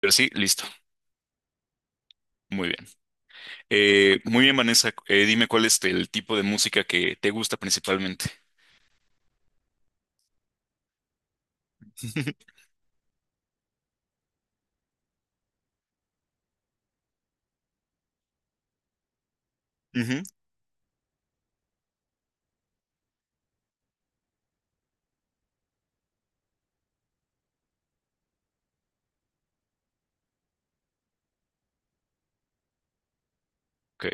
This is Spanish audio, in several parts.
Pero sí, listo. Muy bien. Muy bien, Vanessa. Dime cuál es el tipo de música que te gusta principalmente. Ujú. Ok,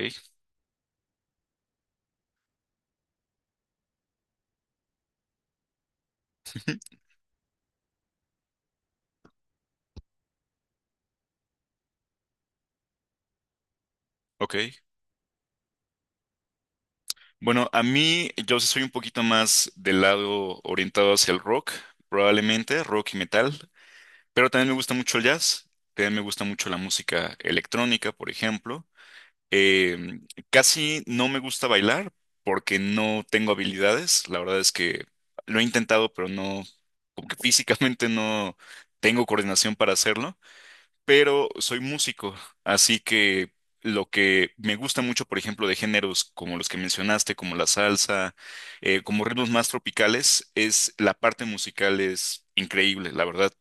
ok. Bueno, a mí yo sí soy un poquito más del lado orientado hacia el rock, probablemente rock y metal, pero también me gusta mucho el jazz, también me gusta mucho la música electrónica, por ejemplo. Eh, Casi no me gusta bailar porque no tengo habilidades. La verdad es que lo he intentado, pero no, como que físicamente no tengo coordinación para hacerlo. Pero soy músico, así que lo que me gusta mucho, por ejemplo, de géneros como los que mencionaste, como la salsa, como ritmos más tropicales, es la parte musical es increíble, la verdad.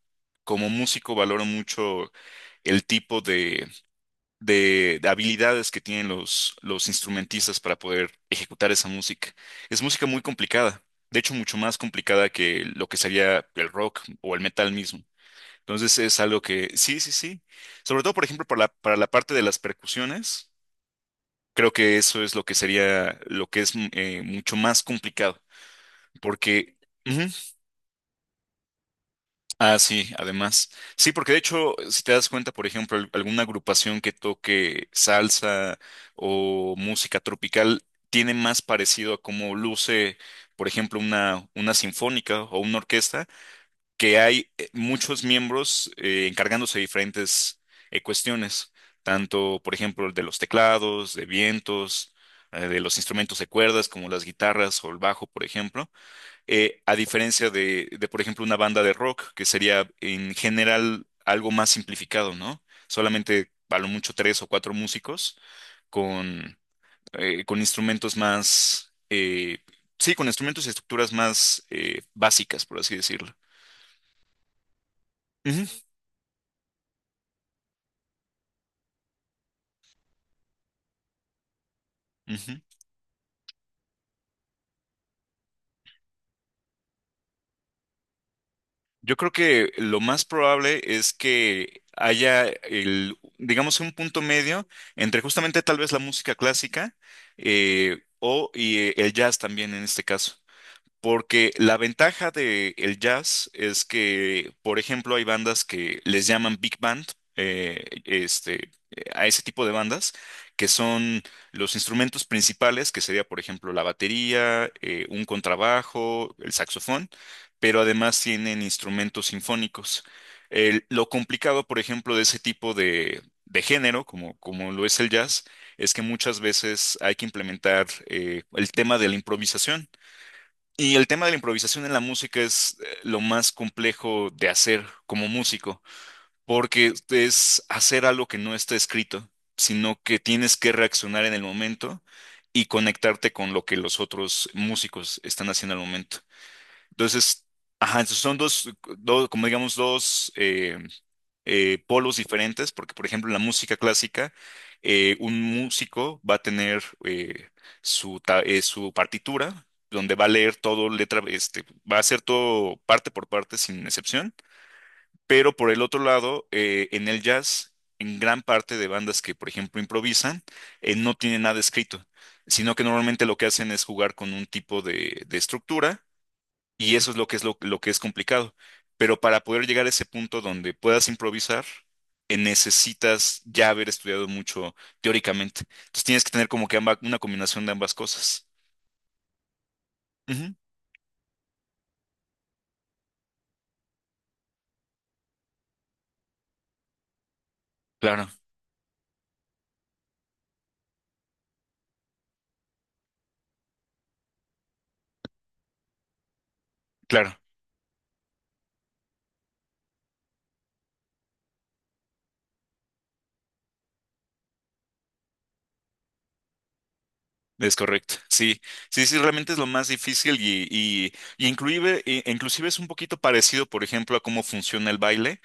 Como músico valoro mucho el tipo de de habilidades que tienen los instrumentistas para poder ejecutar esa música. Es música muy complicada, de hecho mucho más complicada que lo que sería el rock o el metal mismo. Entonces es algo que, sí, sí, sí. Sobre todo, por ejemplo, para la parte de las percusiones, creo que eso es lo que sería, lo que es mucho más complicado, porque... ujú. Ah, sí, además. Sí, porque de hecho, si te das cuenta, por ejemplo, alguna agrupación que toque salsa o música tropical tiene más parecido a cómo luce, por ejemplo, una sinfónica o una orquesta, que hay muchos miembros encargándose de diferentes cuestiones, tanto, por ejemplo, de los teclados, de vientos, de los instrumentos de cuerdas como las guitarras o el bajo, por ejemplo, a diferencia por ejemplo, una banda de rock, que sería en general algo más simplificado, ¿no? Solamente a lo mucho tres o cuatro músicos con, con instrumentos más, sí, con instrumentos y estructuras más básicas, por así decirlo. Ujú, ujú. Yo creo que lo más probable es que haya el, digamos, un punto medio entre justamente tal vez la música clásica o y el jazz también en este caso. Porque la ventaja de el jazz es que, por ejemplo, hay bandas que les llaman big band, a ese tipo de bandas, que son los instrumentos principales, que sería, por ejemplo, la batería, un contrabajo, el saxofón, pero además tienen instrumentos sinfónicos. Lo complicado, por ejemplo, de ese tipo de género, como, como lo es el jazz, es que muchas veces hay que implementar el tema de la improvisación. Y el tema de la improvisación en la música es lo más complejo de hacer como músico, porque es hacer algo que no está escrito, sino que tienes que reaccionar en el momento y conectarte con lo que los otros músicos están haciendo al momento. Entonces, ajá, entonces son dos, dos, como digamos, dos polos diferentes, porque por ejemplo en la música clásica, un músico va a tener su partitura, donde va a leer todo letra, este, va a hacer todo parte por parte sin excepción, pero por el otro lado, en el jazz, en gran parte de bandas que por ejemplo improvisan, no tienen nada escrito, sino que normalmente lo que hacen es jugar con un tipo de estructura y eso es lo que es lo que es complicado. Pero para poder llegar a ese punto donde puedas improvisar, necesitas ya haber estudiado mucho teóricamente. Entonces tienes que tener como que una combinación de ambas cosas. Ujú. Claro, claro. Es correcto, sí, sí, sí, realmente es lo más difícil y inclusive, inclusive es un poquito parecido, por ejemplo, a cómo funciona el baile.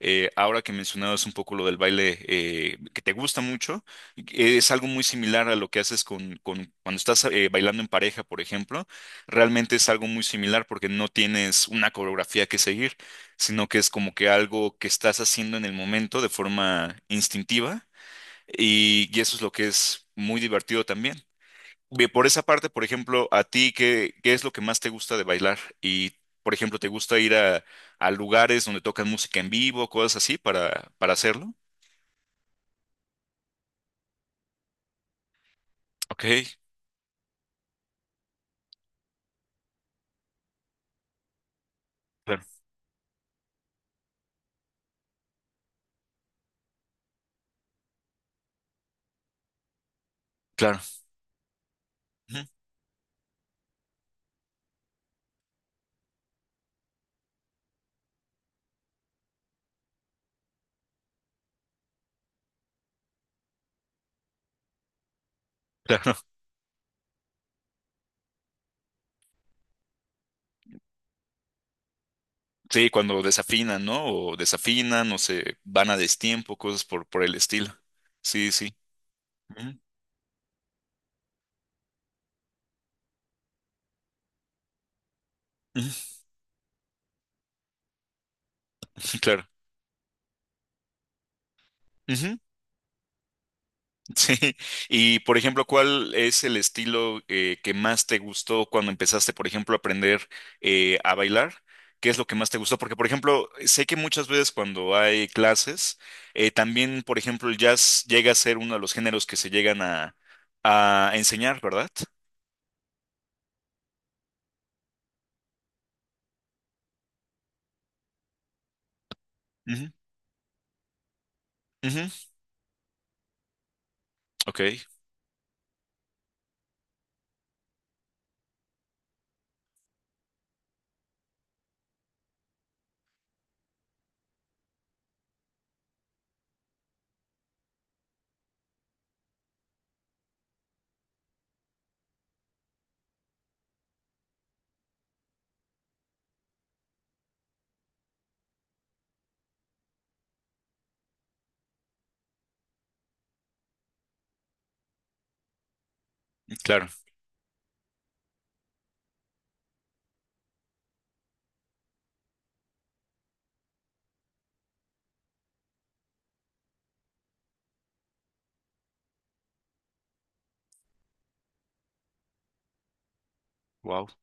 Ahora que mencionabas un poco lo del baile que te gusta mucho, es algo muy similar a lo que haces con cuando estás bailando en pareja, por ejemplo. Realmente es algo muy similar porque no tienes una coreografía que seguir, sino que es como que algo que estás haciendo en el momento de forma instintiva y eso es lo que es muy divertido también. Bien, por esa parte, por ejemplo, a ti, qué es lo que más te gusta de bailar? Y, por ejemplo, ¿te gusta ir a lugares donde tocan música en vivo, cosas así, para hacerlo? Ok, claro, claro, ujú, claro. Sí, cuando desafinan, ¿no? O desafinan, o se van a destiempo, cosas por el estilo. Sí, sí. Ujú, ujú. Claro. Ujú. Sí, y por ejemplo, ¿cuál es el estilo que más te gustó cuando empezaste, por ejemplo, a aprender a bailar? ¿Qué es lo que más te gustó? Porque, por ejemplo, sé que muchas veces cuando hay clases, también, por ejemplo, el jazz llega a ser uno de los géneros que se llegan a enseñar, ¿verdad? Ujú, ujú. Ok, claro.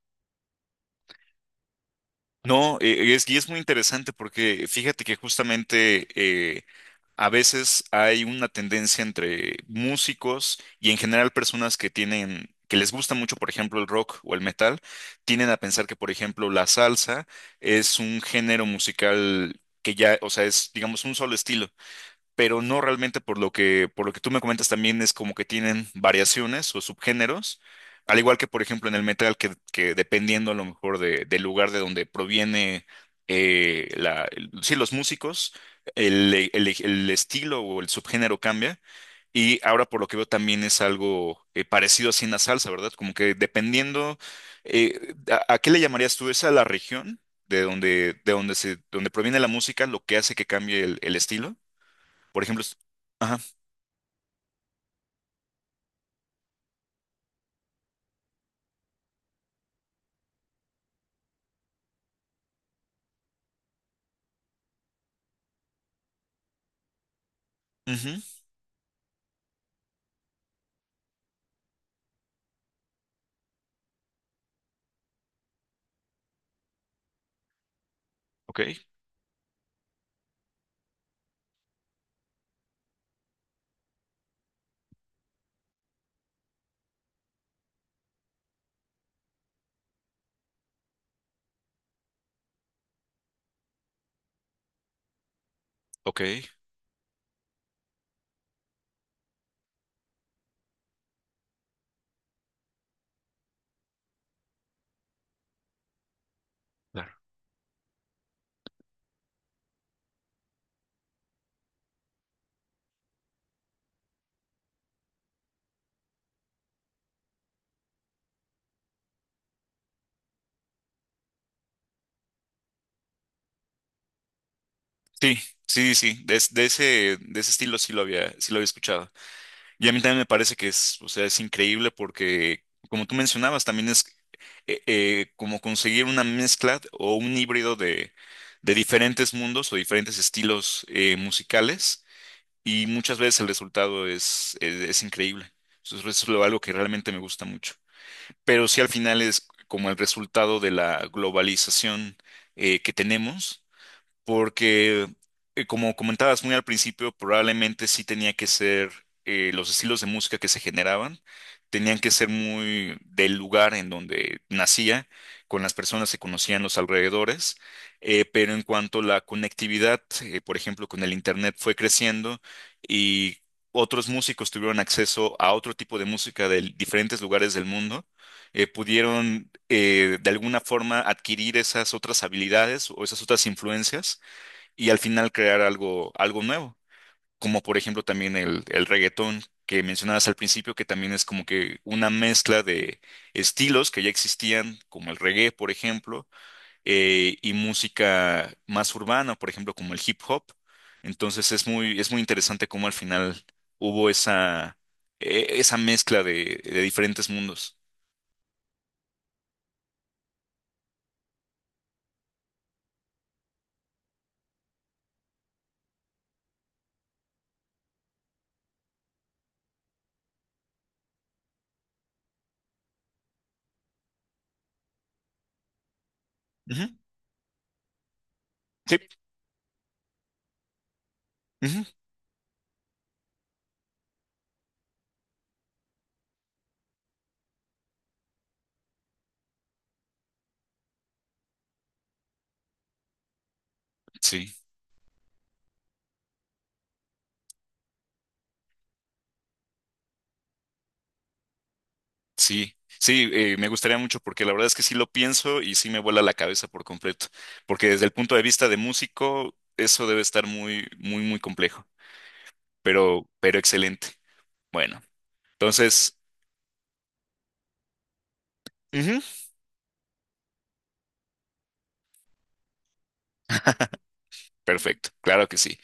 No, y es muy interesante porque fíjate que justamente a veces hay una tendencia entre músicos y en general personas que les gusta mucho, por ejemplo, el rock o el metal, tienden a pensar que, por ejemplo, la salsa es un género musical que ya, o sea, es, digamos, un solo estilo, pero no realmente por por lo que tú me comentas también es como que tienen variaciones o subgéneros, al igual que por ejemplo en el metal que dependiendo a lo mejor del lugar de donde proviene sí, los músicos, el estilo o el subgénero cambia y ahora por lo que veo también es algo parecido así en la salsa, ¿verdad? Como que dependiendo, eh, a qué le llamarías tú? ¿Es a la región? De donde donde proviene la música, lo que hace que cambie el estilo. Por ejemplo, ajá, ujú, ok, ok, claro. Sí, sí, sí, de ese estilo sí lo había escuchado. Y a mí también me parece que es, o sea, es increíble porque, como tú mencionabas, también es como conseguir una mezcla o un híbrido de diferentes mundos o diferentes estilos musicales y muchas veces el resultado es increíble. Eso es algo que realmente me gusta mucho. Pero sí al final es como el resultado de la globalización que tenemos, porque como comentabas muy al principio, probablemente sí tenía que ser los estilos de música que se generaban, tenían que ser muy del lugar en donde nacía, con las personas que conocían los alrededores, pero en cuanto a la conectividad, por ejemplo, con el Internet fue creciendo y... Otros músicos tuvieron acceso a otro tipo de música de diferentes lugares del mundo, pudieron de alguna forma adquirir esas otras habilidades o esas otras influencias y al final crear algo, algo nuevo, como por ejemplo también el reggaetón que mencionabas al principio, que también es como que una mezcla de estilos que ya existían, como el reggae, por ejemplo, y música más urbana, por ejemplo, como el hip hop. Entonces es muy interesante cómo al final hubo esa, esa mezcla de diferentes mundos. Ujú, sí, ujú. Sí, sí, sí, me gustaría mucho porque la verdad es que sí lo pienso y sí me vuela la cabeza por completo, porque desde el punto de vista de músico, eso debe estar muy, muy, muy complejo, pero excelente. Bueno, entonces, ujú, perfecto, claro que sí.